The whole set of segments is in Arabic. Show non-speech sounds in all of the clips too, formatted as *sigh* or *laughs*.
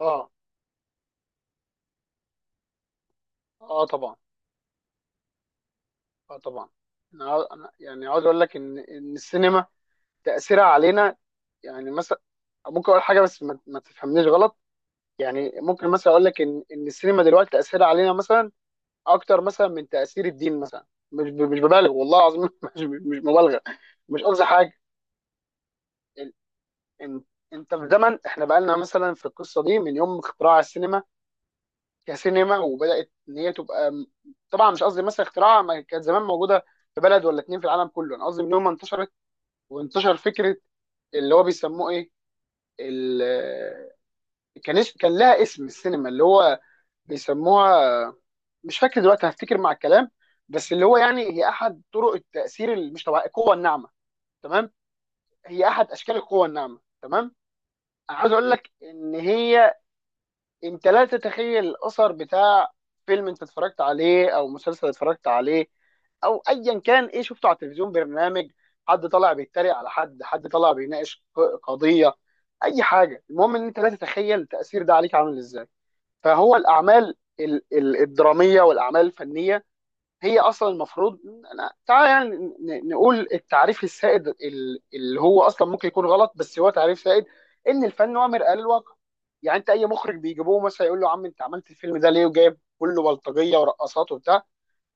اه، اه طبعا، اه طبعا. أنا يعني عاوز اقول لك ان السينما تاثيرها علينا. يعني مثلا ممكن اقول حاجه بس ما تفهمنيش غلط. يعني ممكن مثلا اقول لك ان السينما دلوقتي تاثيرها علينا مثلا اكتر مثلا من تاثير الدين مثلا. مش ببالغ والله العظيم *laughs* مش مبالغه. مش قصدي حاجه. ال- إن- انت في زمن احنا بقالنا مثلا في القصه دي من يوم اختراع السينما كسينما، وبدات ان هي تبقى طبعا مش قصدي مثلا اختراع، ما كانت زمان موجوده في بلد ولا اتنين في العالم كله. انا قصدي ان هم انتشرت، وانتشر فكره اللي هو بيسموه ايه، ال... كان لها اسم السينما اللي هو بيسموها، مش فاكر دلوقتي، هفتكر مع الكلام. بس اللي هو يعني هي احد طرق التاثير اللي مش طبيعي، القوه الناعمه، تمام؟ هي احد اشكال القوه الناعمه، تمام. انا عايز اقول لك ان هي، انت لا تتخيل الاثر بتاع فيلم انت اتفرجت عليه او مسلسل اتفرجت عليه او ايا كان ايه شفته على التلفزيون، برنامج، حد طالع بيتريق على حد، حد طالع بيناقش قضية، اي حاجة. المهم ان انت لا تتخيل التأثير ده عليك عامل ازاي. فهو الاعمال الدرامية والاعمال الفنية هي اصلا المفروض، تعالى يعني نقول التعريف السائد اللي هو اصلا ممكن يكون غلط بس هو تعريف سائد، ان الفن هو مرآة للواقع. يعني انت اي مخرج بيجيبوه مثلا يقول له يا عم انت عملت الفيلم ده ليه وجايب كله بلطجيه ورقصات وبتاع،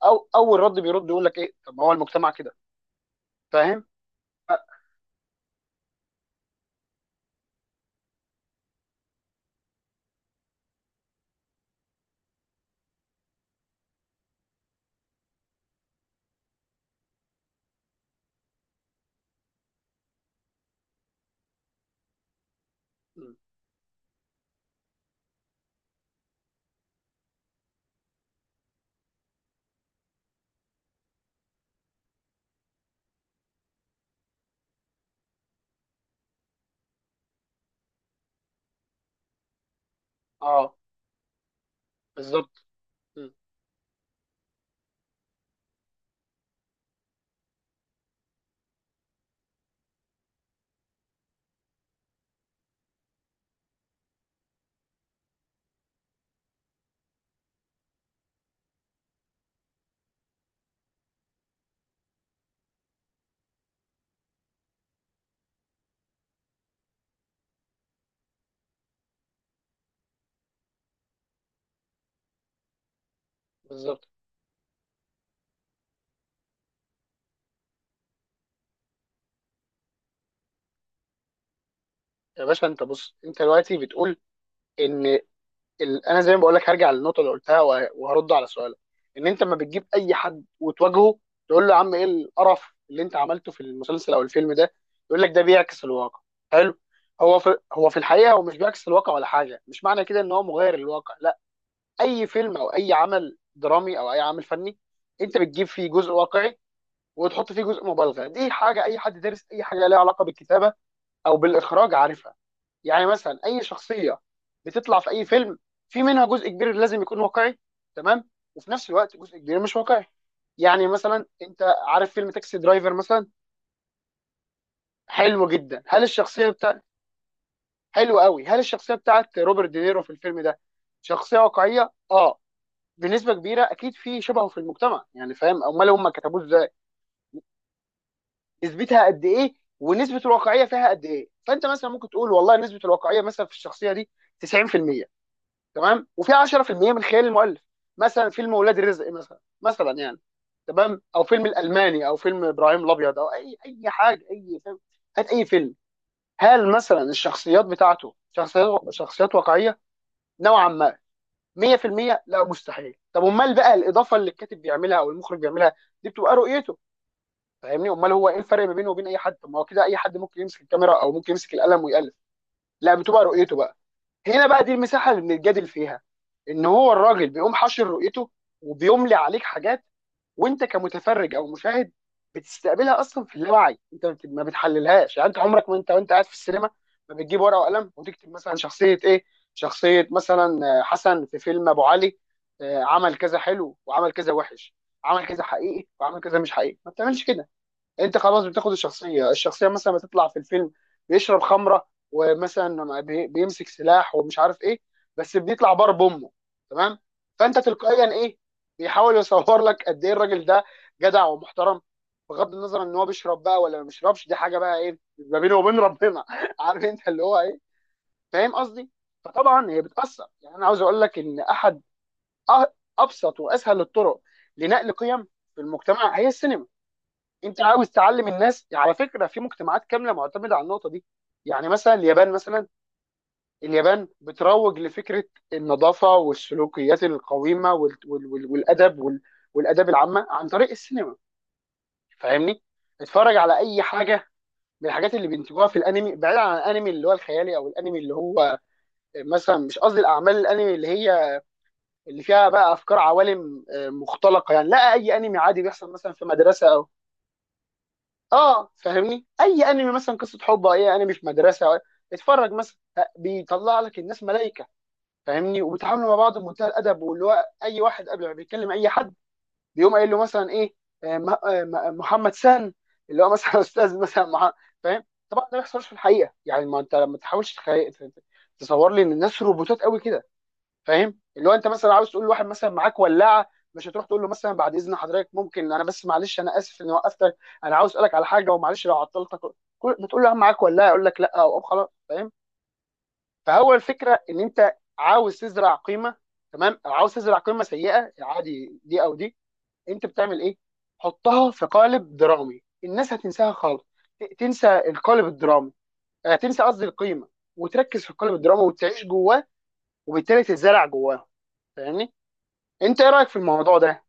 او اول رد بيرد يقول لك ايه، طب ما هو المجتمع كده. فاهم؟ ف- م. اه، بالظبط. م. بالظبط. يا باشا انت بص، انت دلوقتي بتقول ان انا زي ما بقول لك هرجع للنقطه اللي قلتها وهرد على سؤالك. ان انت ما بتجيب اي حد وتواجهه تقول له يا عم ايه القرف اللي انت عملته في المسلسل او الفيلم ده، يقول لك ده بيعكس الواقع. حلو. هو في الحقيقه هو مش بيعكس الواقع ولا حاجه. مش معنى كده ان هو مغير الواقع، لا. اي فيلم او اي عمل درامي او اي عمل فني، انت بتجيب فيه جزء واقعي وتحط فيه جزء مبالغه. دي حاجه اي حد دارس اي حاجه ليها علاقه بالكتابه او بالاخراج عارفها. يعني مثلا اي شخصيه بتطلع في اي فيلم في منها جزء كبير لازم يكون واقعي، تمام، وفي نفس الوقت جزء كبير مش واقعي. يعني مثلا انت عارف فيلم تاكسي درايفر مثلا، حلو جدا، هل الشخصيه بتاع، حلو قوي، هل الشخصيه بتاعت روبرت دينيرو في الفيلم ده شخصيه واقعيه؟ اه، بنسبه كبيره اكيد، في شبهه في المجتمع يعني، فاهم؟ امال هم كتبوه ازاي؟ نسبتها قد ايه، ونسبه الواقعيه فيها قد ايه؟ فانت مثلا ممكن تقول والله نسبه الواقعيه مثلا في الشخصيه دي 90%، تمام، وفي 10% من خيال المؤلف. مثلا فيلم ولاد رزق مثلا يعني، تمام، او فيلم الالماني او فيلم ابراهيم الابيض، او اي حاجه، اي فيلم، هات اي فيلم، هل مثلا الشخصيات بتاعته شخصيات واقعيه نوعا ما؟ 100% لا، مستحيل. طب امال بقى الاضافه اللي الكاتب بيعملها او المخرج بيعملها، دي بتبقى رؤيته، فاهمني؟ امال هو ايه الفرق ما بينه وبين اي حد؟ طب ما هو كده اي حد ممكن يمسك الكاميرا او ممكن يمسك القلم ويالف. لا، بتبقى رؤيته بقى. هنا بقى دي المساحه اللي بنتجادل فيها، ان هو الراجل بيقوم حاشر رؤيته وبيملي عليك حاجات، وانت كمتفرج او مشاهد بتستقبلها اصلا في اللاوعي. انت ما بتحللهاش، يعني انت عمرك ما انت وانت قاعد في السينما ما بتجيب ورقه وقلم وتكتب مثلا شخصيه ايه، شخصيه مثلا حسن في فيلم ابو علي عمل كذا حلو وعمل كذا وحش، عمل كذا حقيقي وعمل كذا مش حقيقي، ما بتعملش كده. انت خلاص بتاخد الشخصيه مثلا ما تطلع في الفيلم بيشرب خمره ومثلا بيمسك سلاح ومش عارف ايه، بس بيطلع بار بامه، تمام؟ فانت تلقائيا ايه، بيحاول يصور لك قد ايه الراجل ده جدع ومحترم، بغض النظر ان هو بيشرب بقى ولا ما بيشربش، دي حاجه بقى ايه ما بينه وبين ربنا *laughs* عارف انت اللي هو ايه، فاهم قصدي؟ فطبعا هي بتاثر. يعني انا عاوز اقول لك ان احد أ- ابسط واسهل الطرق لنقل قيم في المجتمع هي السينما. انت عاوز تعلم الناس، على فكره، في مجتمعات كامله معتمده على النقطه دي. يعني مثلا اليابان مثلا، اليابان بتروج لفكره النظافه والسلوكيات القويمه والادب والاداب العامه عن طريق السينما، فاهمني؟ اتفرج على اي حاجه من الحاجات اللي بينتجوها في الانمي، بعيد عن الانمي اللي هو الخيالي او الانمي اللي هو مثلا، مش قصدي الاعمال الانمي اللي هي اللي فيها بقى افكار عوالم مختلقه يعني، لا، اي انمي عادي بيحصل مثلا في مدرسه. اه فاهمني، اي انمي مثلا قصه حب او اي انمي في مدرسه اتفرج مثلا، بيطلع لك الناس ملائكه، فاهمني، وبيتعاملوا مع بعض بمنتهى الادب، واللي هو اي واحد قبل ما بيتكلم اي حد بيقوم قايل له مثلا ايه، محمد سان، اللي هو مثلا *laughs* استاذ مثلا فاهم؟ طبعا ده ما بيحصلش في الحقيقه. يعني ما انت ما تحاولش تصور لي ان الناس روبوتات قوي كده، فاهم؟ اللي هو انت مثلا عاوز تقول لواحد مثلا معاك ولاعه، مش هتروح تقول له مثلا بعد اذن حضرتك ممكن، انا بس معلش انا اسف اني وقفتك، انا عاوز اسالك على حاجه ومعلش لو عطلتك. بتقول له معاك ولاعه، يقول لك لا او خلاص، فاهم؟ فهو الفكره ان انت عاوز تزرع قيمه، تمام، او عاوز تزرع قيمه سيئه، عادي، دي او دي، انت بتعمل ايه؟ حطها في قالب درامي. الناس هتنساها خالص، تنسى القالب الدرامي، تنسى قصدي القيمه وتركز في القالب الدرامي وتعيش جواه، وبالتالي تتزرع جواه، فاهمني؟ انت ايه رايك في الموضوع ده؟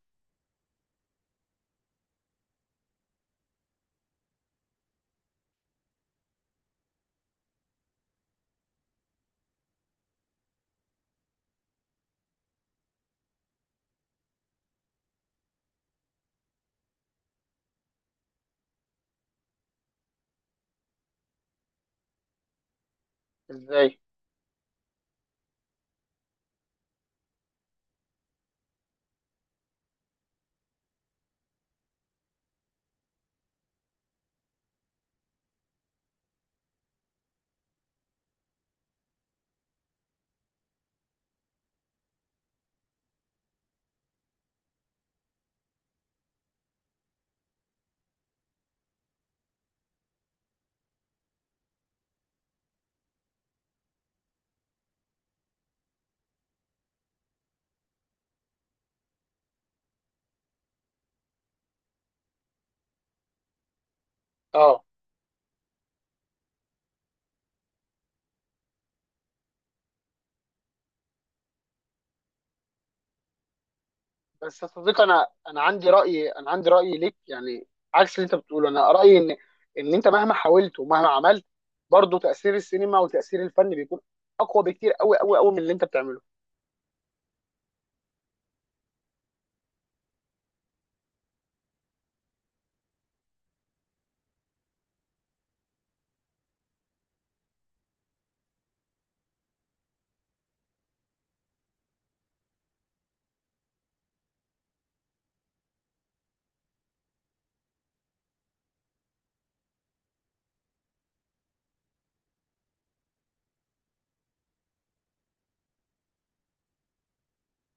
ازاي؟ اه. بس يا صديقي انا، انا عندي راي ليك يعني، عكس اللي انت بتقوله. انا رايي ان انت مهما حاولت ومهما عملت، برضه تاثير السينما وتاثير الفن بيكون اقوى بكتير، قوي قوي قوي، من اللي انت بتعمله.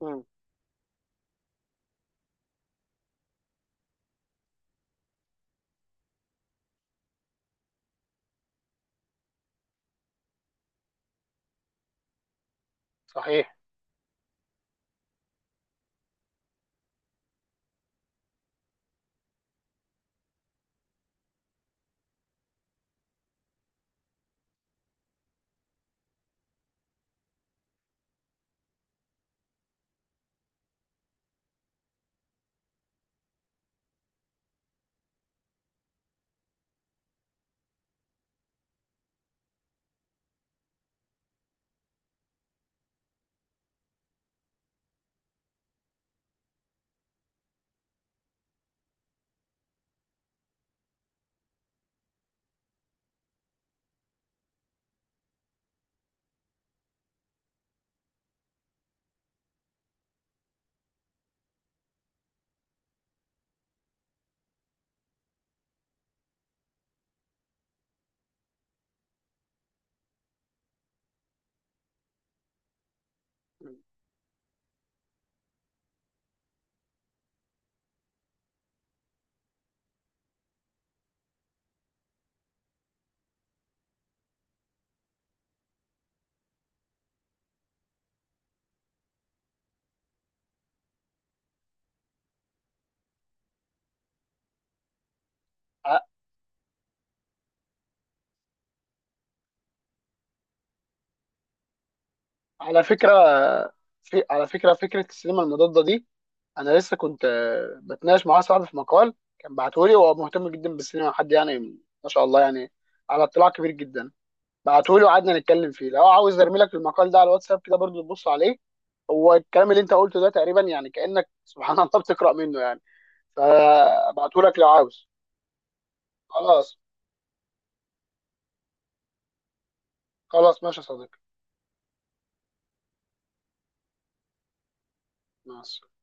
امم صحيح. مم. ع- على فكره، في على فكره، فكره السينما المضاده دي، انا لسه كنت بتناقش مع واحد صاحبي في مقال كان بعته لي، وهو مهتم جدا بالسينما، حد يعني ما شاء الله يعني، على اطلاع كبير جدا. بعتهولي وقعدنا نتكلم فيه. لو عاوز ارمي لك المقال ده على الواتساب كده برضو تبص عليه، هو الكلام اللي انت قلته ده تقريبا يعني، كأنك *laughs* سبحان الله بتقرأ منه يعني. فابعته لك لو عاوز. خلاص، خلاص ماشي يا صديقي. مع السلامة.